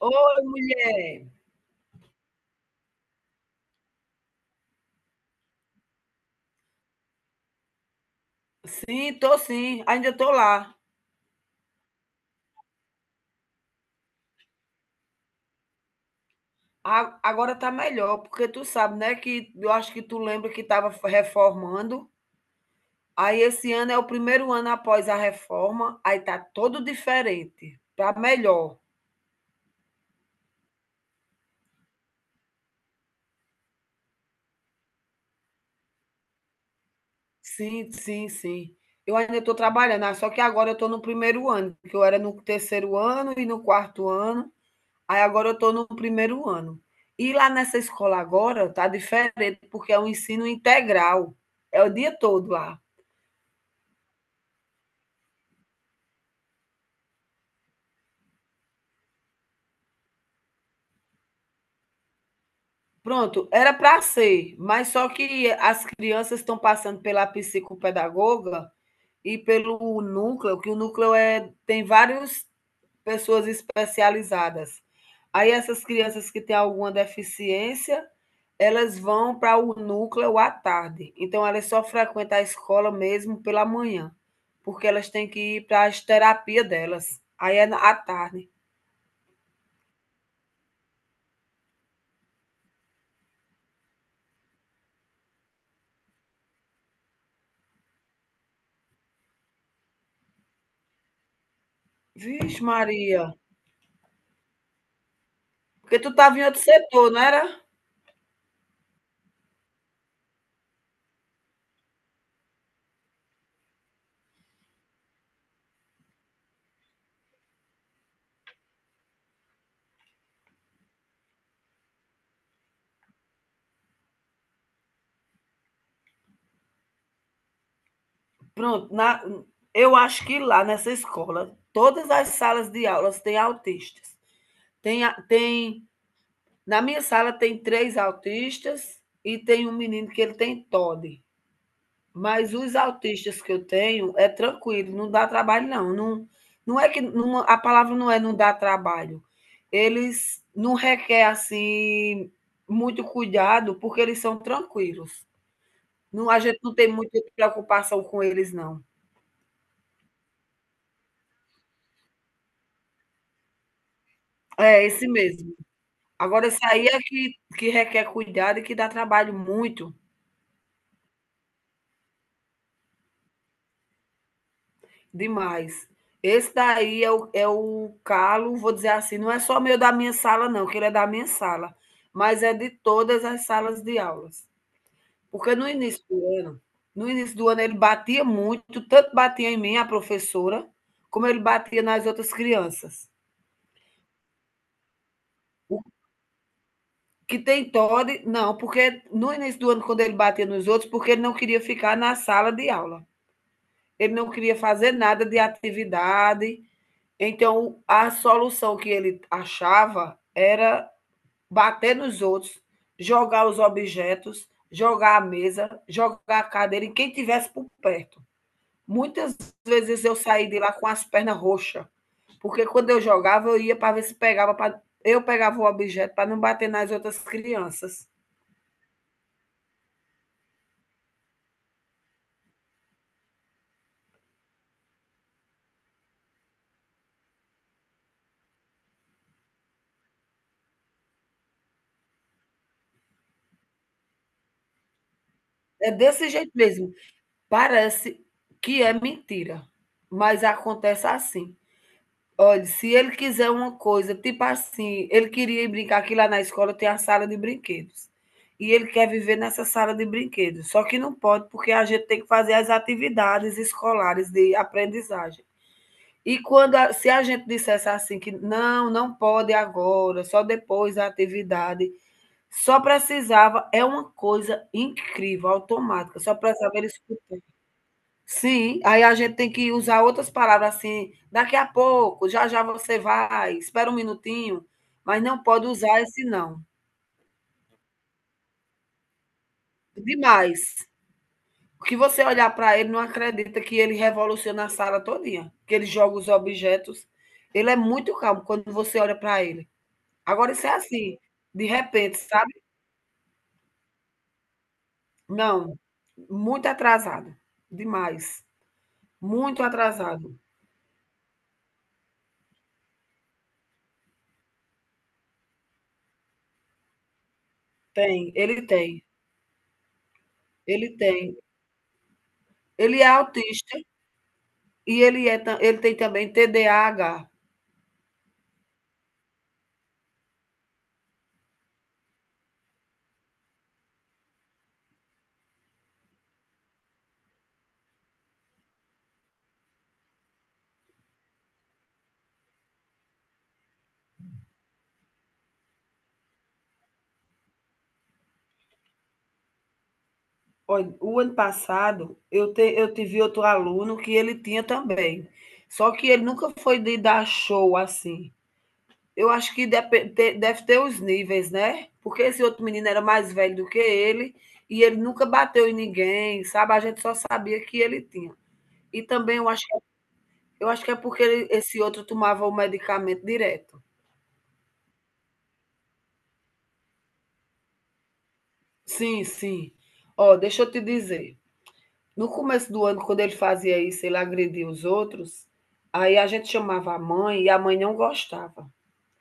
Oi, mulher. Sim, tô sim. Ainda tô lá. Agora tá melhor, porque tu sabe, né, que eu acho que tu lembra que tava reformando. Aí esse ano é o primeiro ano após a reforma, aí tá todo diferente, tá melhor. Sim. Eu ainda estou trabalhando, só que agora eu estou no primeiro ano, porque eu era no terceiro ano e no quarto ano. Aí agora eu estou no primeiro ano. E lá nessa escola agora está diferente, porque é um ensino integral. É o dia todo lá. Pronto, era para ser, mas só que as crianças estão passando pela psicopedagoga e pelo núcleo, que o núcleo é, tem várias pessoas especializadas. Aí essas crianças que têm alguma deficiência, elas vão para o núcleo à tarde. Então elas só frequentam a escola mesmo pela manhã, porque elas têm que ir para as terapias delas. Aí é à tarde. Vixe, Maria, porque tu estava em outro setor, não era? Pronto, na, eu acho que lá nessa escola, todas as salas de aulas têm autistas. Tem, a- tem, na minha sala tem três autistas e tem um menino que ele tem TOD. Mas os autistas que eu tenho é tranquilo, não dá trabalho não. Não, não é que não- a palavra não é não dá trabalho. Eles não requer assim muito cuidado porque eles são tranquilos. Não, a gente não tem muita preocupação com eles não. É esse mesmo. Agora esse aí é que requer cuidado e que dá trabalho muito, demais. Esse daí é o calo, vou dizer assim, não é só meu da minha sala não, que ele é da minha sala, mas é de todas as salas de aulas. Porque no início do ano no início do ano ele batia muito, tanto batia em mim, a professora, como ele batia nas outras crianças. O que tem TOD não, porque no início do ano quando ele batia nos outros, porque ele não queria ficar na sala de aula. Ele não queria fazer nada de atividade. Então, a solução que ele achava era bater nos outros, jogar os objetos, jogar a mesa, jogar a cadeira em quem tivesse por perto. Muitas vezes eu saí de lá com as pernas roxas, porque quando eu jogava, eu ia para ver se pegava. Eu pegava o objeto para não bater nas outras crianças. É desse jeito mesmo. Parece que é mentira, mas acontece assim. Olha, se ele quiser uma coisa, tipo assim, ele queria ir brincar que lá na escola tem a sala de brinquedos. E ele quer viver nessa sala de brinquedos. Só que não pode, porque a gente tem que fazer as atividades escolares de aprendizagem. E quando se a gente dissesse assim que não, não pode agora, só depois da atividade, só precisava, é uma coisa incrível, automática, só precisava ele. Sim, aí a gente tem que usar outras palavras assim, daqui a pouco, já já você vai, espera um minutinho, mas não pode usar esse não. Demais. O que você olhar para ele não acredita que ele revoluciona a sala todinha, que ele joga os objetos. Ele é muito calmo quando você olha para ele. Agora isso é assim, de repente, sabe? Não, muito atrasado, demais, muito atrasado. Tem, ele tem, ele tem. Ele é autista. E ele é tam ele tem também TDAH. Olha, o ano passado eu tive outro aluno que ele tinha também, só que ele nunca foi de dar show, assim. Eu acho que depe te deve ter os níveis, né, porque esse outro menino era mais velho do que ele, e ele nunca bateu em ninguém, sabe, a gente só sabia que ele tinha. E também eu acho que é porque ele esse outro tomava o medicamento direto. Sim, sim. Ó, deixa eu te dizer. No começo do ano, quando ele fazia isso, ele agredia os outros, aí a gente chamava a mãe e a mãe não gostava.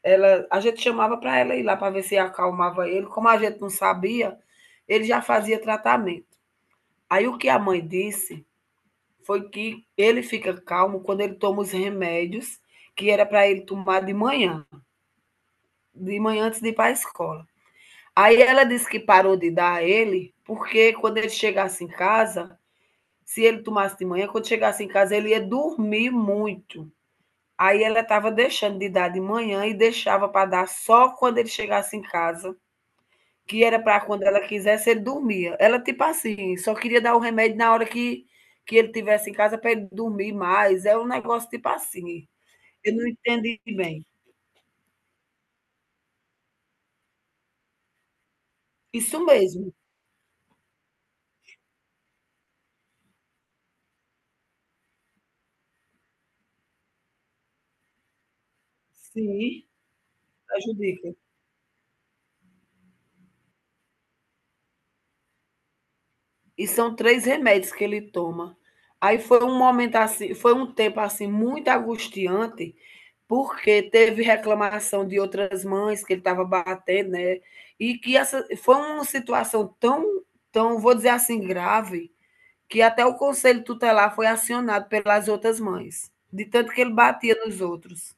Ela, a gente chamava para ela ir lá para ver se acalmava ele. Como a gente não sabia, ele já fazia tratamento. Aí o que a mãe disse foi que ele fica calmo quando ele toma os remédios que era para ele tomar de manhã antes de ir para a escola. Aí ela disse que parou de dar a ele, porque quando ele chegasse em casa, se ele tomasse de manhã, quando chegasse em casa, ele ia dormir muito. Aí ela estava deixando de dar de manhã e deixava para dar só quando ele chegasse em casa, que era para quando ela quisesse, ele dormia. Ela, tipo assim, só queria dar o remédio na hora que ele tivesse em casa para ele dormir mais. É um negócio tipo assim. Eu não entendi bem. Isso mesmo. Sim, ajude. E são 3 remédios que ele toma. Aí foi um momento assim foi um tempo, assim, muito angustiante, porque teve reclamação de outras mães que ele estava batendo, né, e que essa foi uma situação tão, vou dizer assim, grave, que até o conselho tutelar foi acionado pelas outras mães, de tanto que ele batia nos outros.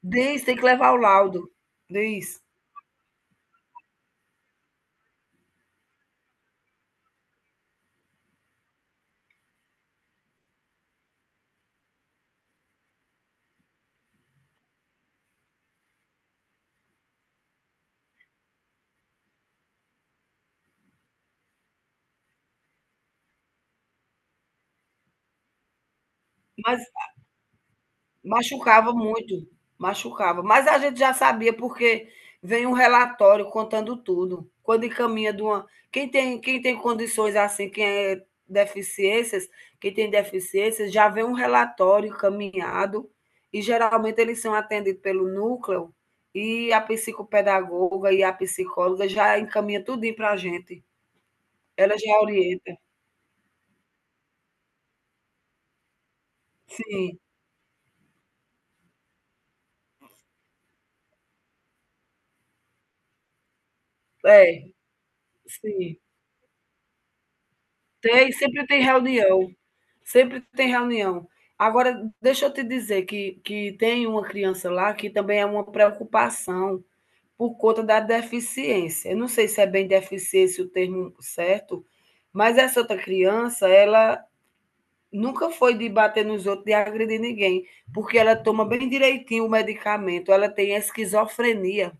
Diz: "Tem que levar o laudo", diz. Mas Machucava muito, machucava. Mas a gente já sabia porque vem um relatório contando tudo. Quando encaminha de uma quem tem condições assim, quem é deficiências, quem tem deficiências, já vem um relatório encaminhado e geralmente eles são atendidos pelo núcleo e a psicopedagoga e a psicóloga já encaminha tudinho para a gente. Ela já orienta. Sim, é, sim. Tem, sempre tem reunião. Sempre tem reunião. Agora, deixa eu te dizer que tem uma criança lá que também é uma preocupação por conta da deficiência. Eu não sei se é bem deficiência o termo certo, mas essa outra criança, ela nunca foi de bater nos outros, de agredir ninguém, porque ela toma bem direitinho o medicamento, ela tem esquizofrenia.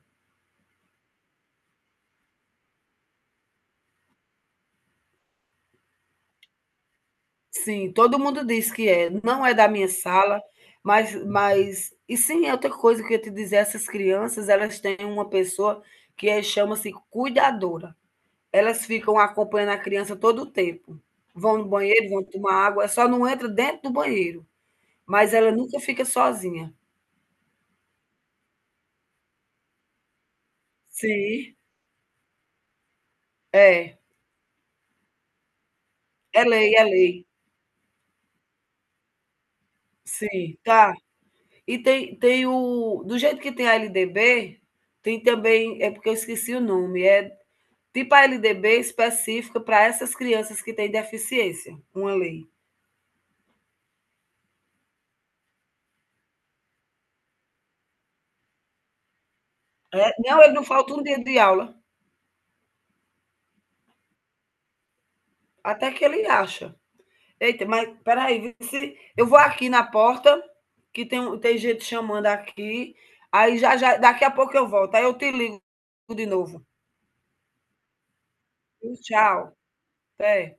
Sim, todo mundo diz que é. Não é da minha sala, mas sim, é outra coisa que eu ia te dizer, essas crianças, elas têm uma pessoa que é chama-se cuidadora. Elas ficam acompanhando a criança todo o tempo. Vão no banheiro, vão tomar água, só não entra dentro do banheiro, mas ela nunca fica sozinha. Sim, é. É lei, é lei. Sim, tá. E tem tem o do jeito que tem a LDB, tem também é porque eu esqueci o nome, é tipo a LDB específica para essas crianças que têm deficiência, uma lei. É, não, ele não falta um dia de aula, até que ele acha. Eita, mas peraí, se eu vou aqui na porta, que tem, um, tem gente chamando aqui, aí já, já daqui a pouco eu volto, aí eu te ligo de novo. Tchau. Até.